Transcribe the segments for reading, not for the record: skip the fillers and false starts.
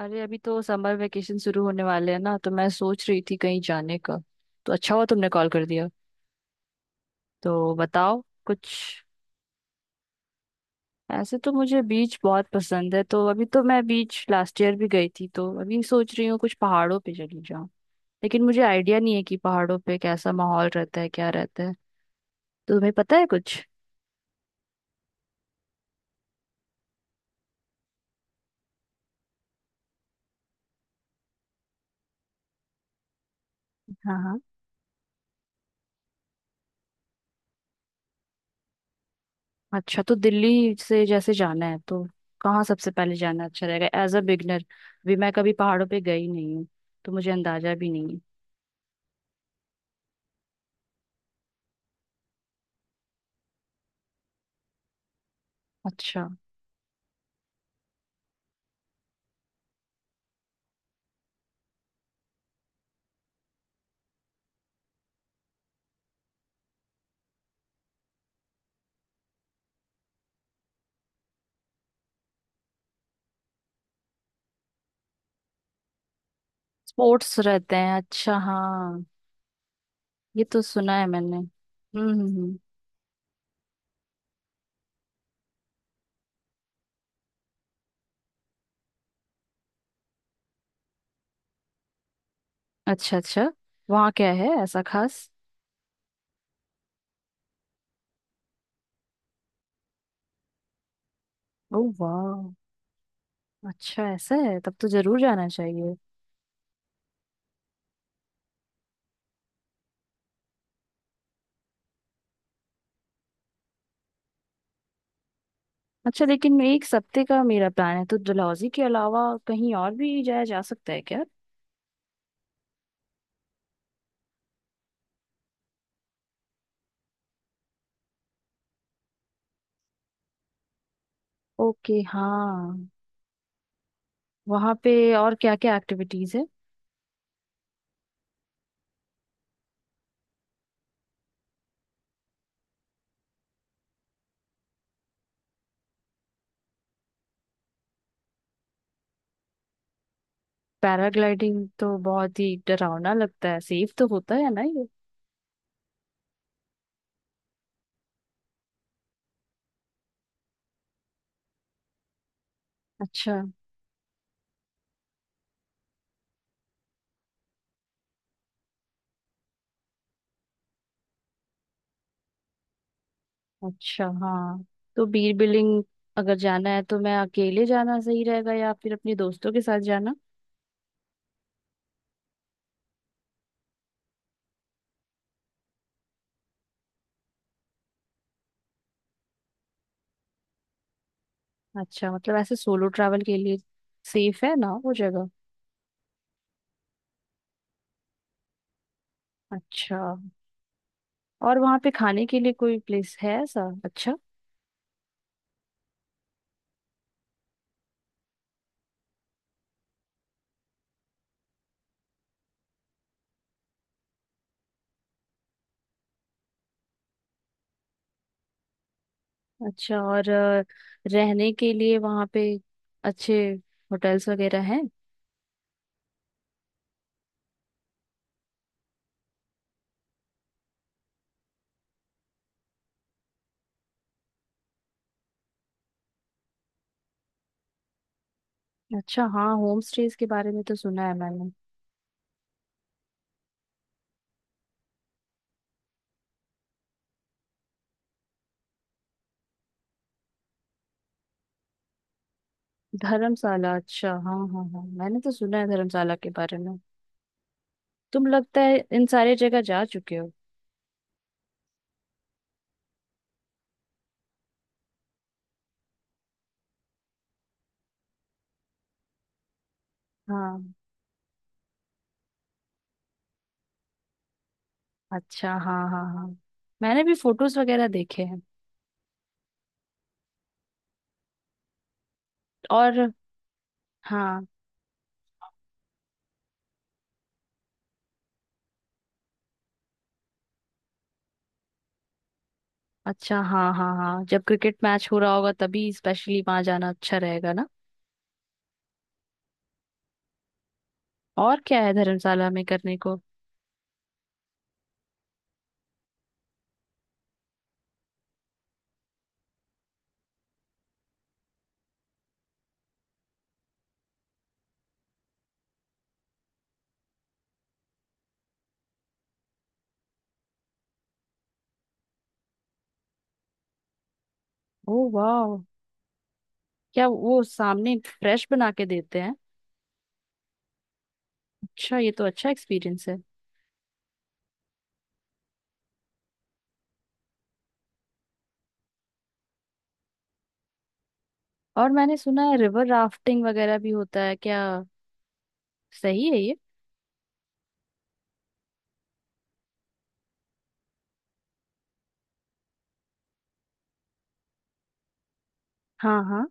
अरे अभी तो समर वेकेशन शुरू होने वाले हैं ना। तो मैं सोच रही थी कहीं जाने का, तो अच्छा हुआ तुमने कॉल कर दिया। तो बताओ कुछ। ऐसे तो मुझे बीच बहुत पसंद है, तो अभी तो मैं बीच लास्ट ईयर भी गई थी, तो अभी सोच रही हूँ कुछ पहाड़ों पे चली जाऊँ। लेकिन मुझे आइडिया नहीं है कि पहाड़ों पे कैसा माहौल रहता है, क्या रहता है। तो तुम्हें पता है कुछ? हाँ हाँ। अच्छा, तो दिल्ली से जैसे जाना है तो कहाँ सबसे पहले जाना अच्छा रहेगा एज अ बिगनर? भी मैं कभी पहाड़ों पे गई नहीं हूँ, तो मुझे अंदाजा भी नहीं है। अच्छा। स्पोर्ट्स रहते हैं, अच्छा हाँ। ये तो सुना है मैंने। अच्छा अच्छा। वहाँ क्या है ऐसा खास? ओ वाह। अच्छा, ऐसा है तब तो जरूर जाना चाहिए। अच्छा, लेकिन एक सप्ते का मेरा प्लान है, तो डलहौजी के अलावा कहीं और भी जाया जा सकता है क्या? ओके हाँ। वहाँ पे और क्या क्या एक्टिविटीज है? पैराग्लाइडिंग तो बहुत ही डरावना लगता है, सेफ तो होता है ना ये? अच्छा। अच्छा हाँ। तो बीर बिलिंग अगर जाना है तो मैं अकेले जाना सही रहेगा या फिर अपने दोस्तों के साथ जाना? अच्छा, मतलब ऐसे सोलो ट्रैवल के लिए सेफ है ना वो जगह? अच्छा। और वहाँ पे खाने के लिए कोई प्लेस है ऐसा अच्छा? अच्छा और रहने के लिए वहाँ पे अच्छे होटल्स वगैरह हैं? अच्छा हाँ, होम स्टेज के बारे में तो सुना है मैंने। धर्मशाला, अच्छा हाँ हाँ हाँ, मैंने तो सुना है धर्मशाला के बारे में। तुम लगता है इन सारे जगह जा चुके हो? हाँ। अच्छा हाँ हाँ हाँ। मैंने भी फोटोज वगैरह देखे हैं। और? हाँ। अच्छा हाँ हाँ हाँ, जब क्रिकेट मैच हो रहा होगा तभी स्पेशली वहां जाना अच्छा रहेगा ना? और क्या है धर्मशाला में करने को? ओ वाह, क्या वो सामने फ्रेश बना के देते हैं? अच्छा, ये तो अच्छा एक्सपीरियंस है। और मैंने सुना है रिवर राफ्टिंग वगैरह भी होता है क्या? सही है ये? हाँ हाँ।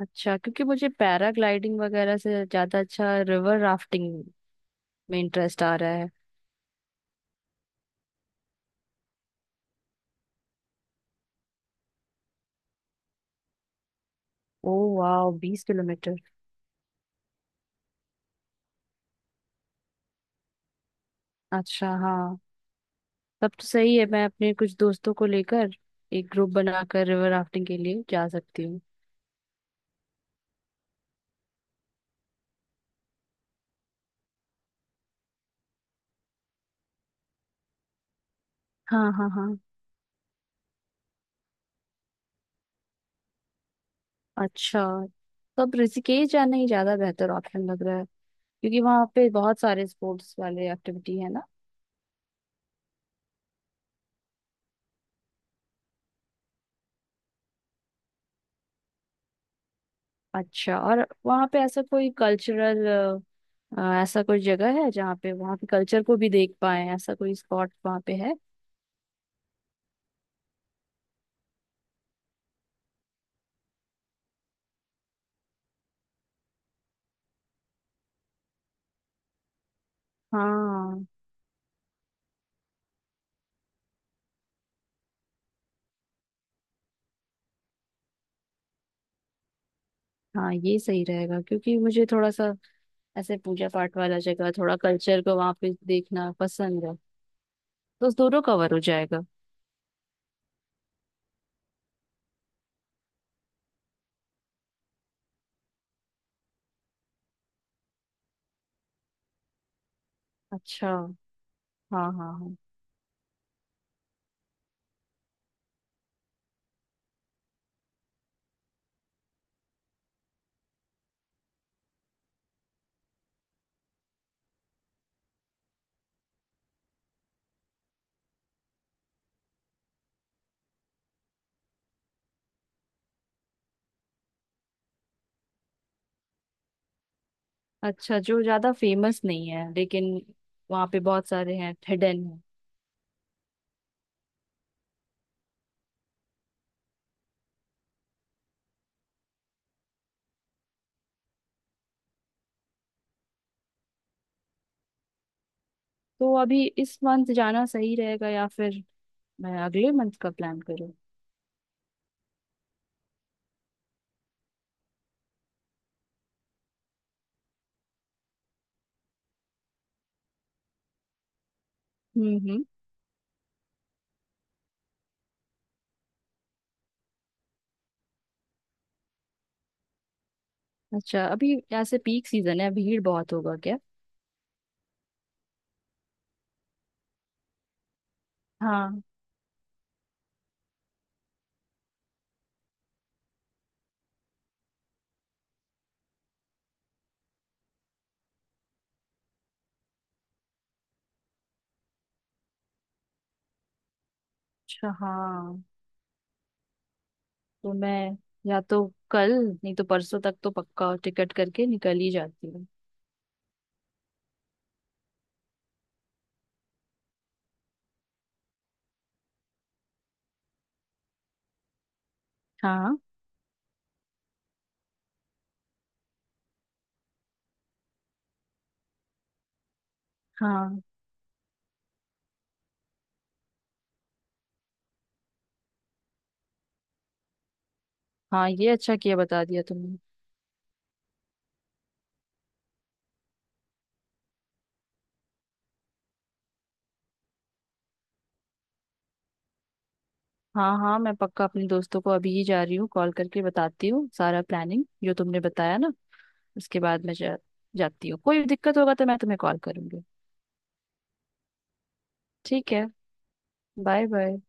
अच्छा, क्योंकि मुझे पैराग्लाइडिंग वगैरह से ज्यादा अच्छा रिवर राफ्टिंग में इंटरेस्ट आ रहा है। ओ वाह, 20 किलोमीटर। अच्छा हाँ, तब तो सही है। मैं अपने कुछ दोस्तों को लेकर एक ग्रुप बनाकर रिवर राफ्टिंग के लिए जा सकती हूँ। हाँ हाँ हाँ। अच्छा, तब ऋषिकेश जाना ही ज्यादा बेहतर ऑप्शन लग रहा है, क्योंकि वहाँ पे बहुत सारे स्पोर्ट्स वाले एक्टिविटी है ना। अच्छा, और वहाँ पे ऐसा कोई कल्चरल, ऐसा कोई जगह है जहाँ पे वहाँ के कल्चर को भी देख पाए, ऐसा कोई स्पॉट वहाँ पे है? हाँ हाँ, ये सही रहेगा, क्योंकि मुझे थोड़ा सा ऐसे पूजा पाठ वाला जगह, थोड़ा कल्चर को वहां पे देखना पसंद है। तो उस दोनों कवर हो जाएगा। अच्छा हाँ हाँ हाँ। अच्छा, जो ज्यादा फेमस नहीं है लेकिन वहाँ पे बहुत सारे हैं, हिडन है। तो अभी इस मंथ जाना सही रहेगा या फिर मैं अगले मंथ का प्लान करूँ? हम्म। अच्छा, अभी ऐसे पीक सीजन है, भीड़ बहुत होगा क्या? हाँ। अच्छा हाँ। तो मैं या तो कल, नहीं तो परसों तक तो पक्का टिकट करके निकल ही जाती हूँ। हाँ हाँ हाँ, ये अच्छा किया बता दिया तुमने। हाँ हाँ, मैं पक्का अपने दोस्तों को अभी ही जा रही हूँ कॉल करके बताती हूँ सारा प्लानिंग जो तुमने बताया ना, उसके बाद मैं जाती हूँ। कोई दिक्कत होगा तो मैं तुम्हें कॉल करूंगी। ठीक है, बाय बाय।